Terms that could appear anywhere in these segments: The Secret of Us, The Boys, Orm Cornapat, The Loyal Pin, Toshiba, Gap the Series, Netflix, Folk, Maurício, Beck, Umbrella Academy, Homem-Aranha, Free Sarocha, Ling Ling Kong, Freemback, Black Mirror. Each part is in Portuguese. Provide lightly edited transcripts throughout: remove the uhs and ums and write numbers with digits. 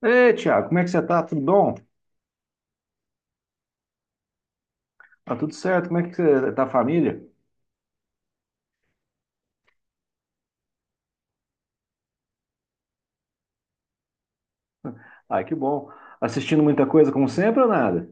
Ei, Thiago, como é que você tá? Tudo bom? Tá tudo certo? Como é que você tá, a família? Ai, que bom. Assistindo muita coisa, como sempre, ou nada?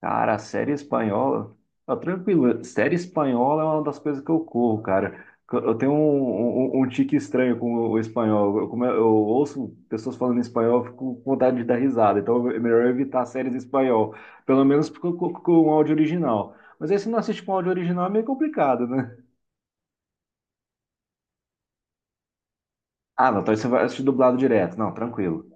Cara, a série espanhola. Tá tranquilo. Série espanhola é uma das coisas que eu corro, cara. Eu tenho um tique estranho com o espanhol. Como eu ouço pessoas falando espanhol, eu fico com vontade de dar risada. Então é melhor evitar séries em espanhol. Pelo menos com o áudio original. Mas aí se não assiste com áudio original é meio complicado, né? Ah, não, então aí você vai assistir dublado direto. Não, tranquilo.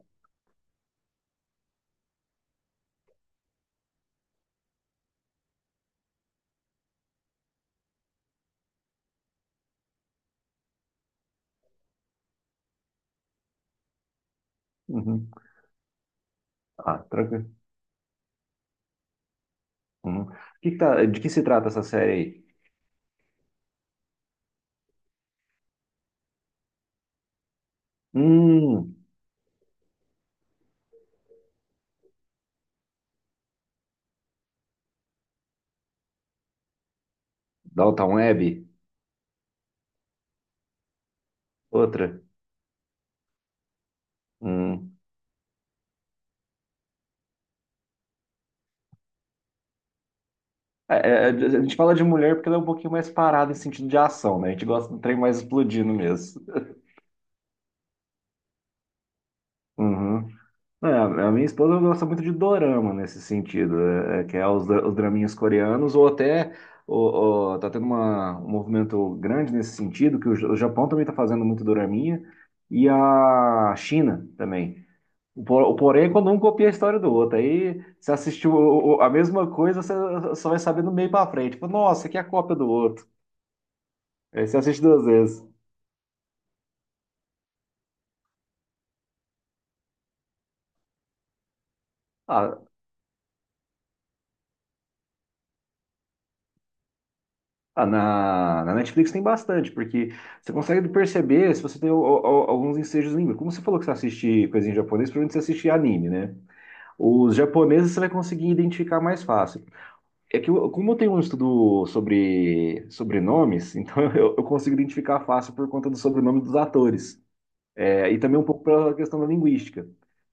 Uhum. Ah, tranquilo. Uhum. O de que se trata essa série aí? Hum, Dalton Web? Outra? Hum. É, é, é, a gente fala de mulher porque ela é um pouquinho mais parada em sentido de ação, né? A gente gosta do trem mais explodindo mesmo. Uhum. É, a minha esposa gosta muito de dorama nesse sentido, é, é, que é os, os draminhas coreanos, ou até tá tendo um movimento grande nesse sentido, que o, o Japão também está fazendo muito doraminha, e a China também. O, o porém é quando um copia a história do outro, aí você assistiu a mesma coisa, você só vai saber do meio pra frente. Tipo, nossa, aqui é a cópia do outro. Aí você assiste duas vezes. Ah, Na, na Netflix tem bastante, porque você consegue perceber se você tem alguns ensejos língua. Como você falou que você assiste coisinha em japonês, provavelmente você assiste anime, né? Os japoneses você vai conseguir identificar mais fácil. É que como eu tenho um estudo sobre sobrenomes, então eu consigo identificar fácil por conta do sobrenome dos atores. É, e também um pouco pela questão da linguística.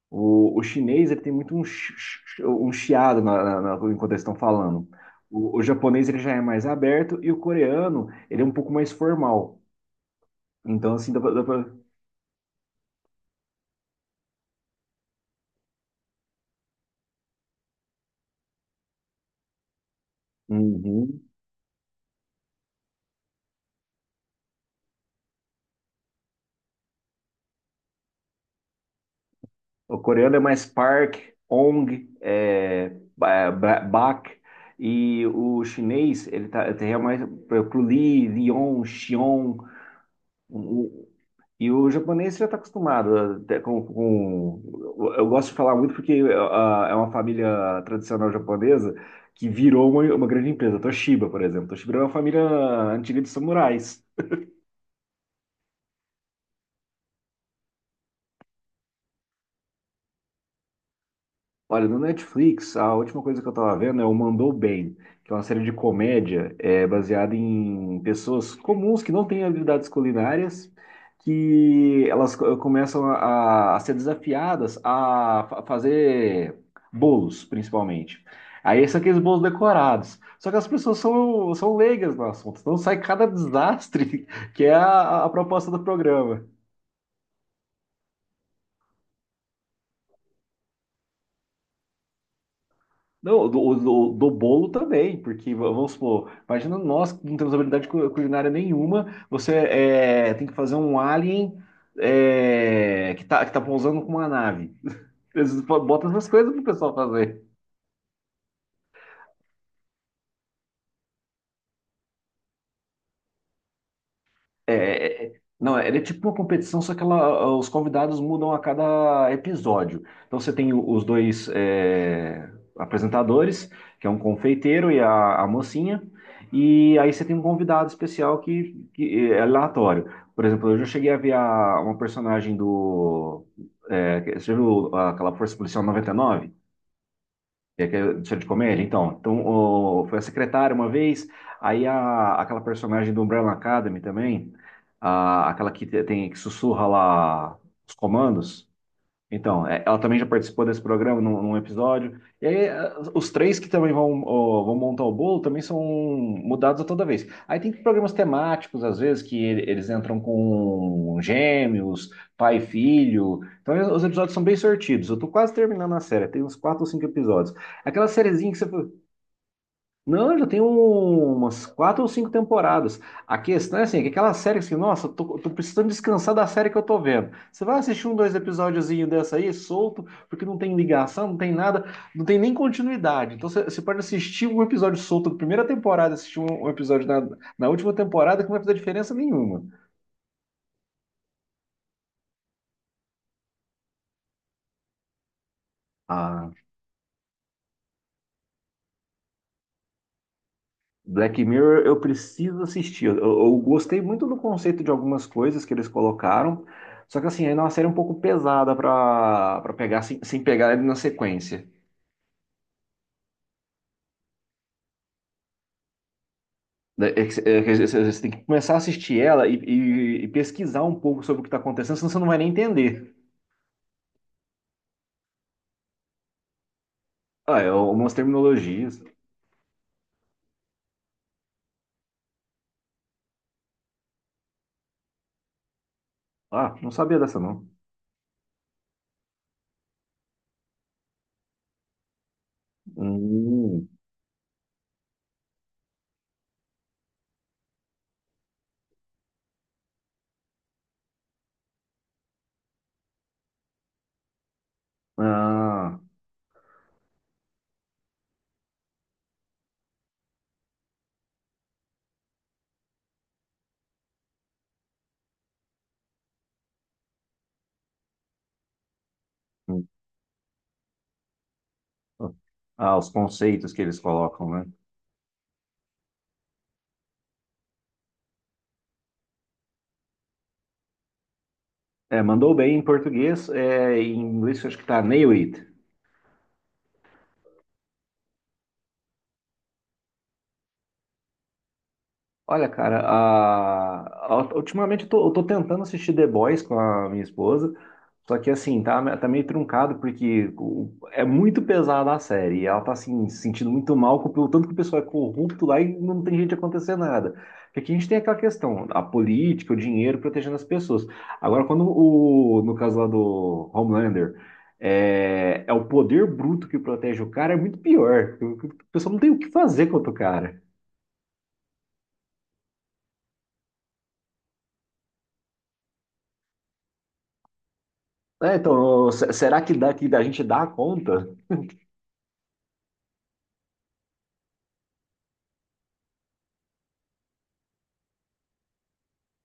O chinês ele tem muito um, um chiado na, enquanto eles estão falando. O japonês ele já é mais aberto e o coreano ele é um pouco mais formal. Então, assim, dá pra. Uhum. O coreano é mais park, ong, é, bak. E o chinês, ele é mais pro lee lion, xion. O- E o japonês já está acostumado até com. Eu gosto de falar muito porque é uma família tradicional japonesa que virou uma grande empresa. Toshiba, por exemplo. Toshiba é uma família antiga de samurais. Olha, no Netflix, a última coisa que eu tava vendo é o Mandou Bem, que é uma série de comédia é, baseada em pessoas comuns que não têm habilidades culinárias, que elas começam a ser desafiadas a fazer bolos, principalmente. Aí são aqueles bolos decorados. Só que as pessoas são leigas no assunto, então sai cada desastre que é a proposta do programa. Não, do bolo também, porque vamos supor, imagina nós que não temos habilidade culinária nenhuma, você é, tem que fazer um alien é, que tá pousando com uma nave. Eles botam essas coisas pro pessoal fazer. É, é- não, era tipo uma competição, só que ela, os convidados mudam a cada episódio. Então você tem os dois é, apresentadores, que é um confeiteiro e a mocinha, e aí você tem um convidado especial que é aleatório. Por exemplo, eu já cheguei a ver uma personagem do. É, você já viu aquela Força Policial 99. E aquela edição de comédia, então. Então, foi a secretária uma vez, aí a, aquela personagem do Umbrella Academy também, a, aquela tem que sussurra lá os comandos. Então, é, ela também já participou desse programa num episódio. E aí, eh, os três que também vão, ó, vão montar o bolo também são mudados a toda vez. Aí tem programas temáticos, às vezes, que eles entram com gêmeos, pai e filho. Então, eh, os episódios são bem sortidos. Eu tô quase terminando a série, tem uns quatro ou cinco episódios. Aquela sériezinha que você. Não, já tem umas quatro ou cinco temporadas. A questão é assim, é que aquela série assim, nossa, tô precisando descansar da série que eu tô vendo. Você vai assistir um, dois episódiozinho dessa aí, solto, porque não tem ligação, não tem nada, não tem nem continuidade. Então você pode assistir um episódio solto da primeira temporada, assistir um episódio na última temporada, que não vai fazer diferença nenhuma. Ah, Black Mirror eu preciso assistir. Eu gostei muito do conceito de algumas coisas que eles colocaram, só que assim, ainda é uma série um pouco pesada pra para pegar sem pegar ele na sequência. É que você tem que começar a assistir ela e pesquisar um pouco sobre o que está acontecendo, senão você não vai nem entender. Ah, é algumas terminologias. Ah, não sabia dessa, não. Hum, ah, hum. Ah, ah, os conceitos que eles colocam, né? É, mandou bem em português, é, em inglês eu acho que tá nail it. Olha, cara, ultimamente eu tô tentando assistir The Boys com a minha esposa, só que assim, tá meio truncado porque é muito pesada a série, e ela tá assim, se sentindo muito mal com o tanto que o pessoal é corrupto lá e não tem jeito de acontecer nada. Porque aqui a gente tem aquela questão, a política, o dinheiro protegendo as pessoas. Agora, quando no caso lá do Homelander, é, é o poder bruto que protege o cara, é muito pior. O pessoal não tem o que fazer contra o cara. É, então, será que daqui da gente dá conta?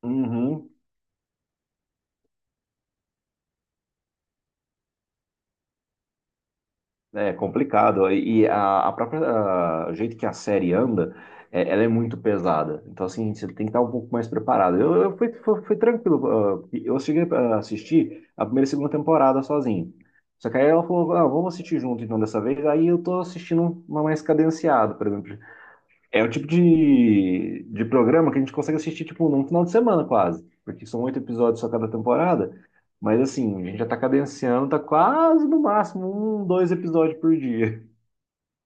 Uhum. É complicado. E o jeito que a série anda, é, ela é muito pesada. Então, assim, você tem que estar um pouco mais preparado. Eu fui tranquilo. Eu cheguei a assistir a primeira e segunda temporada sozinho. Só que aí ela falou, ah, vamos assistir junto então dessa vez. Aí eu tô assistindo uma mais cadenciada, por exemplo. É o tipo de programa que a gente consegue assistir, tipo, num final de semana quase. Porque são oito episódios só cada temporada. Mas assim, a gente já tá cadenciando, tá quase no máximo um, dois episódios por dia.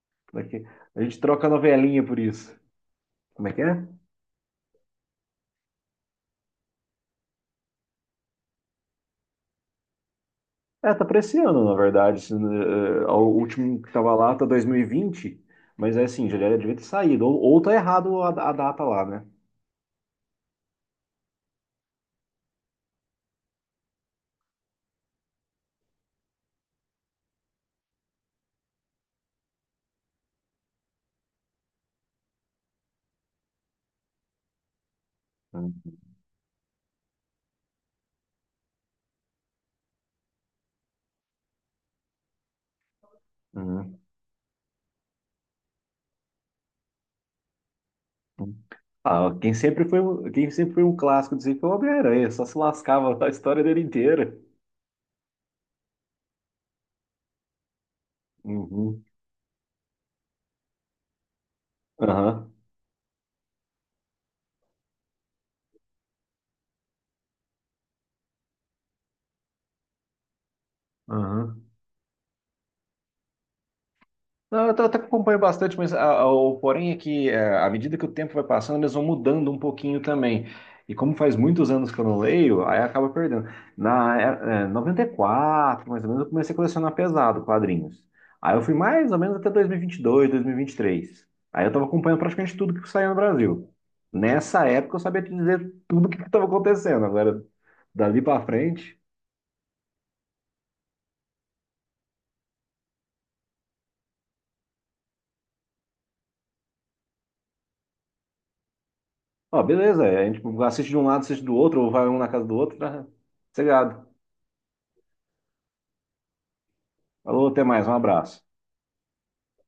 Daqui- A gente troca novelinha por isso. Como é que é? É, tá pra esse ano, na verdade. Assim, eh, o último que tava lá tá 2020. Mas é assim, já devia ter saído. Ou tá errado a data lá, né? Uhum. Uhum. Ah, quem sempre foi, quem sempre foi um clássico dizer que foi o Homem-Aranha, só se lascava a história dele inteira. Uhum. Aham. Aham. Não, eu até acompanho bastante, mas o porém é que é, à medida que o tempo vai passando, eles vão mudando um pouquinho também. E como faz muitos anos que eu não leio, aí acaba perdendo. Na é, é, 94, mais ou menos, eu comecei a colecionar pesado quadrinhos. Aí eu fui mais ou menos até 2022, 2023. Aí eu estava acompanhando praticamente tudo que saía no Brasil. Nessa época eu sabia te dizer tudo o que estava acontecendo. Agora, dali para frente, ó, beleza, é, a gente assiste de um lado, assiste do outro, ou vai um na casa do outro, tá? Falou, até mais, um abraço.